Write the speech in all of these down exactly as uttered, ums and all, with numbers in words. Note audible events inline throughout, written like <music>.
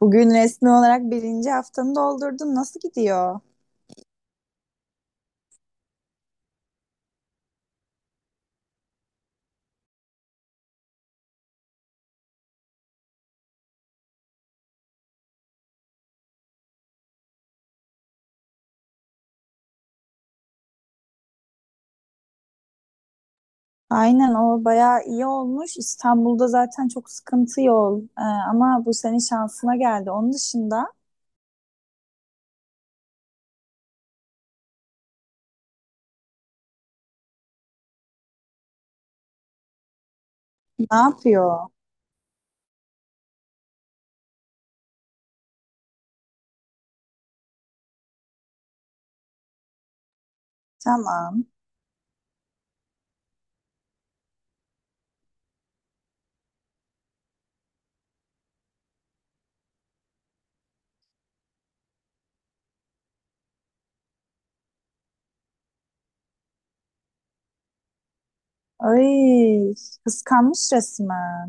Bugün resmi olarak birinci haftanı doldurdun. Nasıl gidiyor? Aynen o bayağı iyi olmuş. İstanbul'da zaten çok sıkıntı yol. Ee, ama bu senin şansına geldi. Onun dışında ne yapıyor? Tamam. Ay, kıskanmış resmen.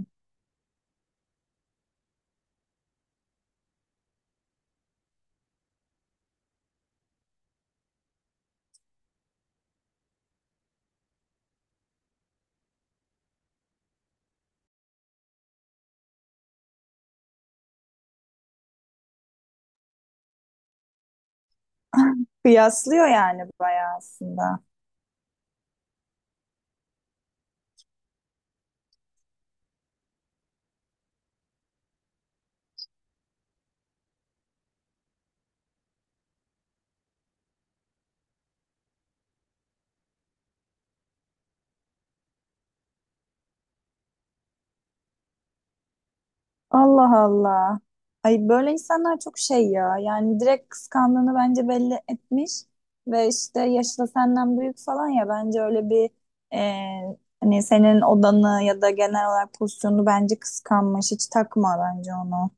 Kıyaslıyor yani bayağı aslında. Allah Allah. Ay böyle insanlar çok şey ya. Yani direkt kıskandığını bence belli etmiş ve işte yaşı da senden büyük falan ya bence öyle bir e, hani senin odanı ya da genel olarak pozisyonunu bence kıskanmış. Hiç takma bence onu.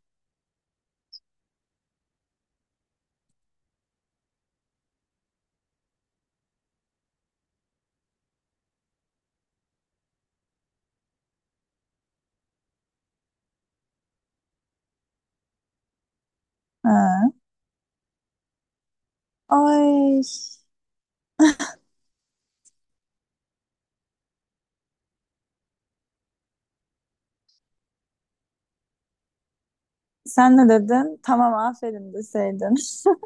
Ha. Ay sen ne dedin? Tamam aferin deseydin. <laughs>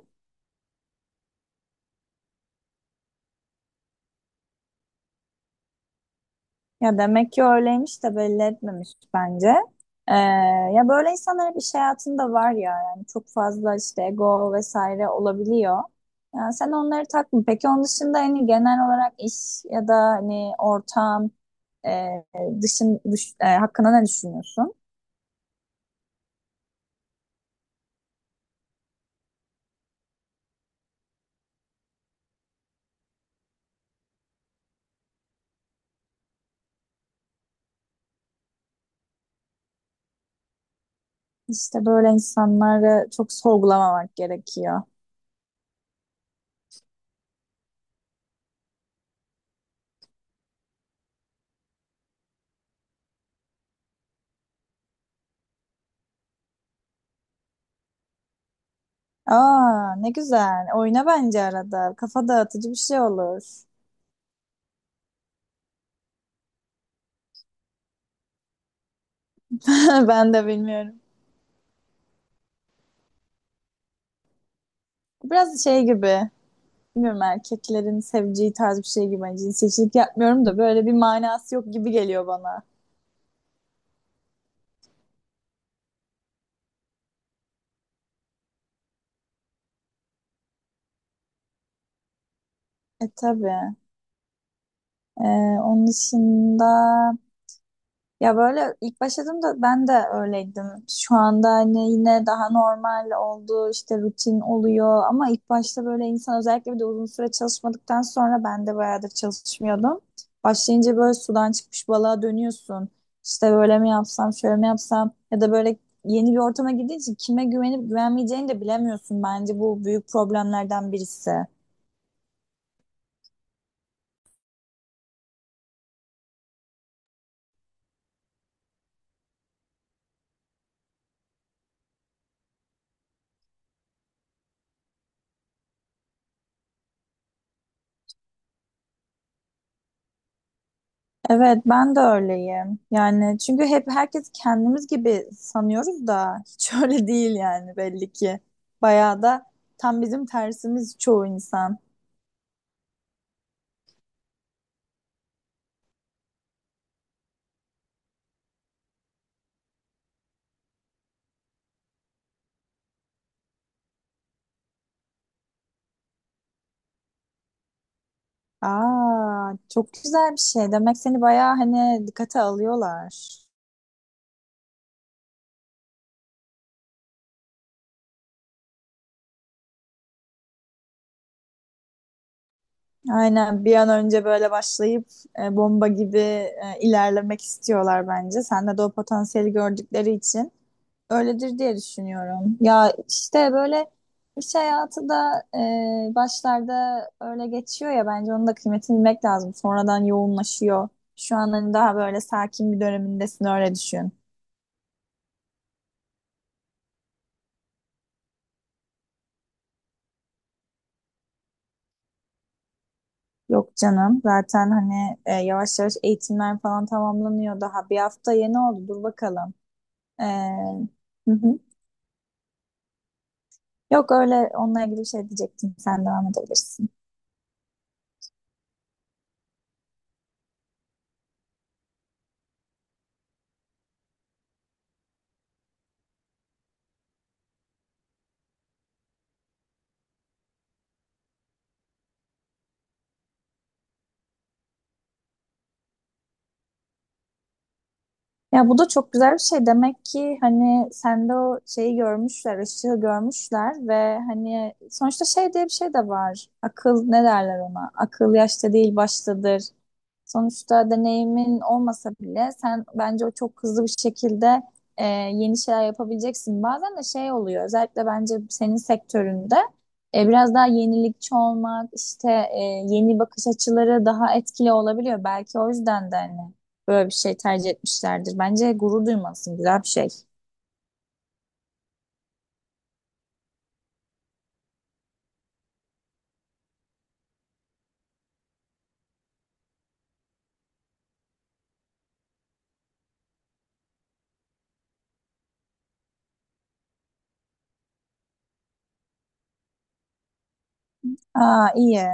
Ya demek ki öyleymiş de belli etmemiş bence. Ee, ya böyle insanlar hep iş hayatında var ya yani çok fazla işte ego vesaire olabiliyor. Yani sen onları takma. Peki onun dışında hani genel olarak iş ya da hani ortam e, dışın dış, e, hakkında ne düşünüyorsun? İşte böyle insanları çok sorgulamamak gerekiyor. Aa ne güzel. Oyna bence arada. Kafa dağıtıcı bir şey olur. <laughs> Ben de bilmiyorum. Biraz şey gibi. Bilmiyorum erkeklerin seveceği tarz bir şey gibi. Hani cinsiyetçilik yapmıyorum da böyle bir manası yok gibi geliyor bana. E tabii. E, onun dışında ya böyle ilk başladığımda ben de öyleydim. Şu anda hani yine daha normal oldu işte rutin oluyor ama ilk başta böyle insan özellikle bir de uzun süre çalışmadıktan sonra ben de bayağıdır çalışmıyordum. Başlayınca böyle sudan çıkmış balığa dönüyorsun. İşte böyle mi yapsam şöyle mi yapsam ya da böyle yeni bir ortama girdiğin için kime güvenip güvenmeyeceğini de bilemiyorsun. Bence bu büyük problemlerden birisi. Evet, ben de öyleyim. Yani çünkü hep herkes kendimiz gibi sanıyoruz da hiç <laughs> öyle değil yani belli ki. Bayağı da tam bizim tersimiz çoğu insan. Aa, çok güzel bir şey. Demek seni bayağı hani dikkate alıyorlar. Aynen bir an önce böyle başlayıp e, bomba gibi e, ilerlemek istiyorlar bence. Sende de o potansiyeli gördükleri için. Öyledir diye düşünüyorum. Ya işte böyle iş hayatı da e, başlarda öyle geçiyor ya bence onun da kıymetini bilmek lazım. Sonradan yoğunlaşıyor. Şu an hani daha böyle sakin bir dönemindesin öyle düşün. Yok canım zaten hani e, yavaş yavaş eğitimler falan tamamlanıyor daha bir hafta yeni oldu dur bakalım. E, hı hı. Yok öyle onunla ilgili bir şey diyecektim sen devam edebilirsin. Ya bu da çok güzel bir şey. Demek ki hani sende o şeyi görmüşler, ışığı görmüşler ve hani sonuçta şey diye bir şey de var. Akıl ne derler ona? Akıl yaşta değil baştadır. Sonuçta deneyimin olmasa bile sen bence o çok hızlı bir şekilde e, yeni şeyler yapabileceksin. Bazen de şey oluyor özellikle bence senin sektöründe e, biraz daha yenilikçi olmak işte e, yeni bakış açıları daha etkili olabiliyor. Belki o yüzden de hani böyle bir şey tercih etmişlerdir. Bence gurur duymalısın güzel bir şey. Aa iyi.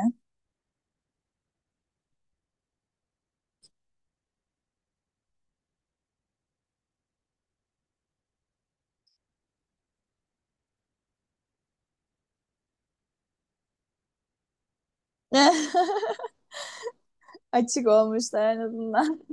<laughs> Açık olmuşlar en azından.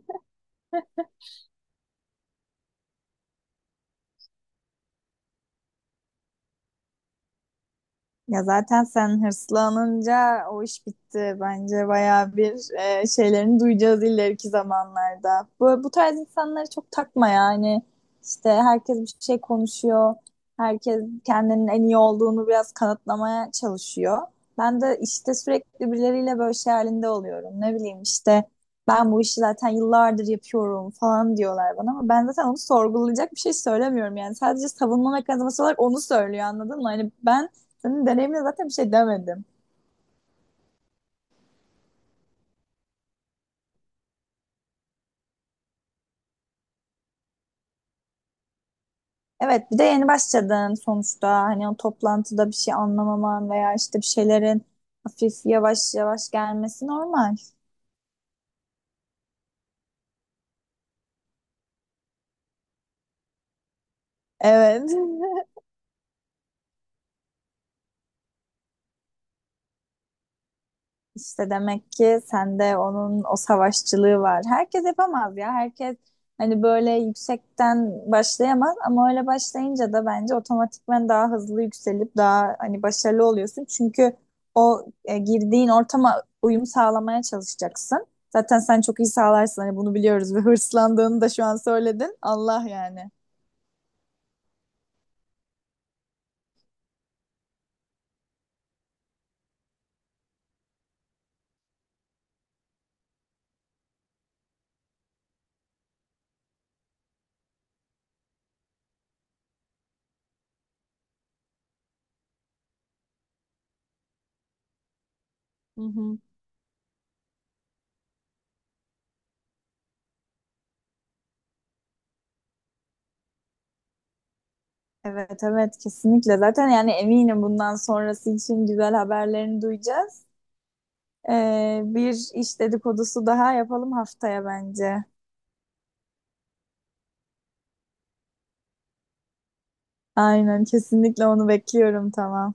Ya zaten sen hırslanınca o iş bitti. Bence bayağı bir e, şeylerini duyacağız ileriki zamanlarda. Bu, bu tarz insanları çok takma yani. İşte herkes bir şey konuşuyor. Herkes kendinin en iyi olduğunu biraz kanıtlamaya çalışıyor. Ben de işte sürekli birileriyle böyle şey halinde oluyorum. Ne bileyim işte ben bu işi zaten yıllardır yapıyorum falan diyorlar bana ama ben zaten onu sorgulayacak bir şey söylemiyorum yani. Sadece savunma mekanizması olarak onu söylüyor anladın mı? Hani ben senin deneyimine zaten bir şey demedim. Evet, bir de yeni başladın sonuçta. Hani o toplantıda bir şey anlamaman veya işte bir şeylerin hafif yavaş yavaş gelmesi normal. Evet. <laughs> İşte demek ki sende onun o savaşçılığı var. Herkes yapamaz ya. Herkes hani böyle yüksekten başlayamaz ama öyle başlayınca da bence otomatikman daha hızlı yükselip daha hani başarılı oluyorsun. Çünkü o e, girdiğin ortama uyum sağlamaya çalışacaksın. Zaten sen çok iyi sağlarsın hani bunu biliyoruz ve <laughs> hırslandığını da şu an söyledin. Allah yani. Hı hı. Evet evet kesinlikle. Zaten yani eminim bundan sonrası için güzel haberlerini duyacağız. Ee, bir iş dedikodusu daha yapalım haftaya bence. Aynen kesinlikle onu bekliyorum tamam.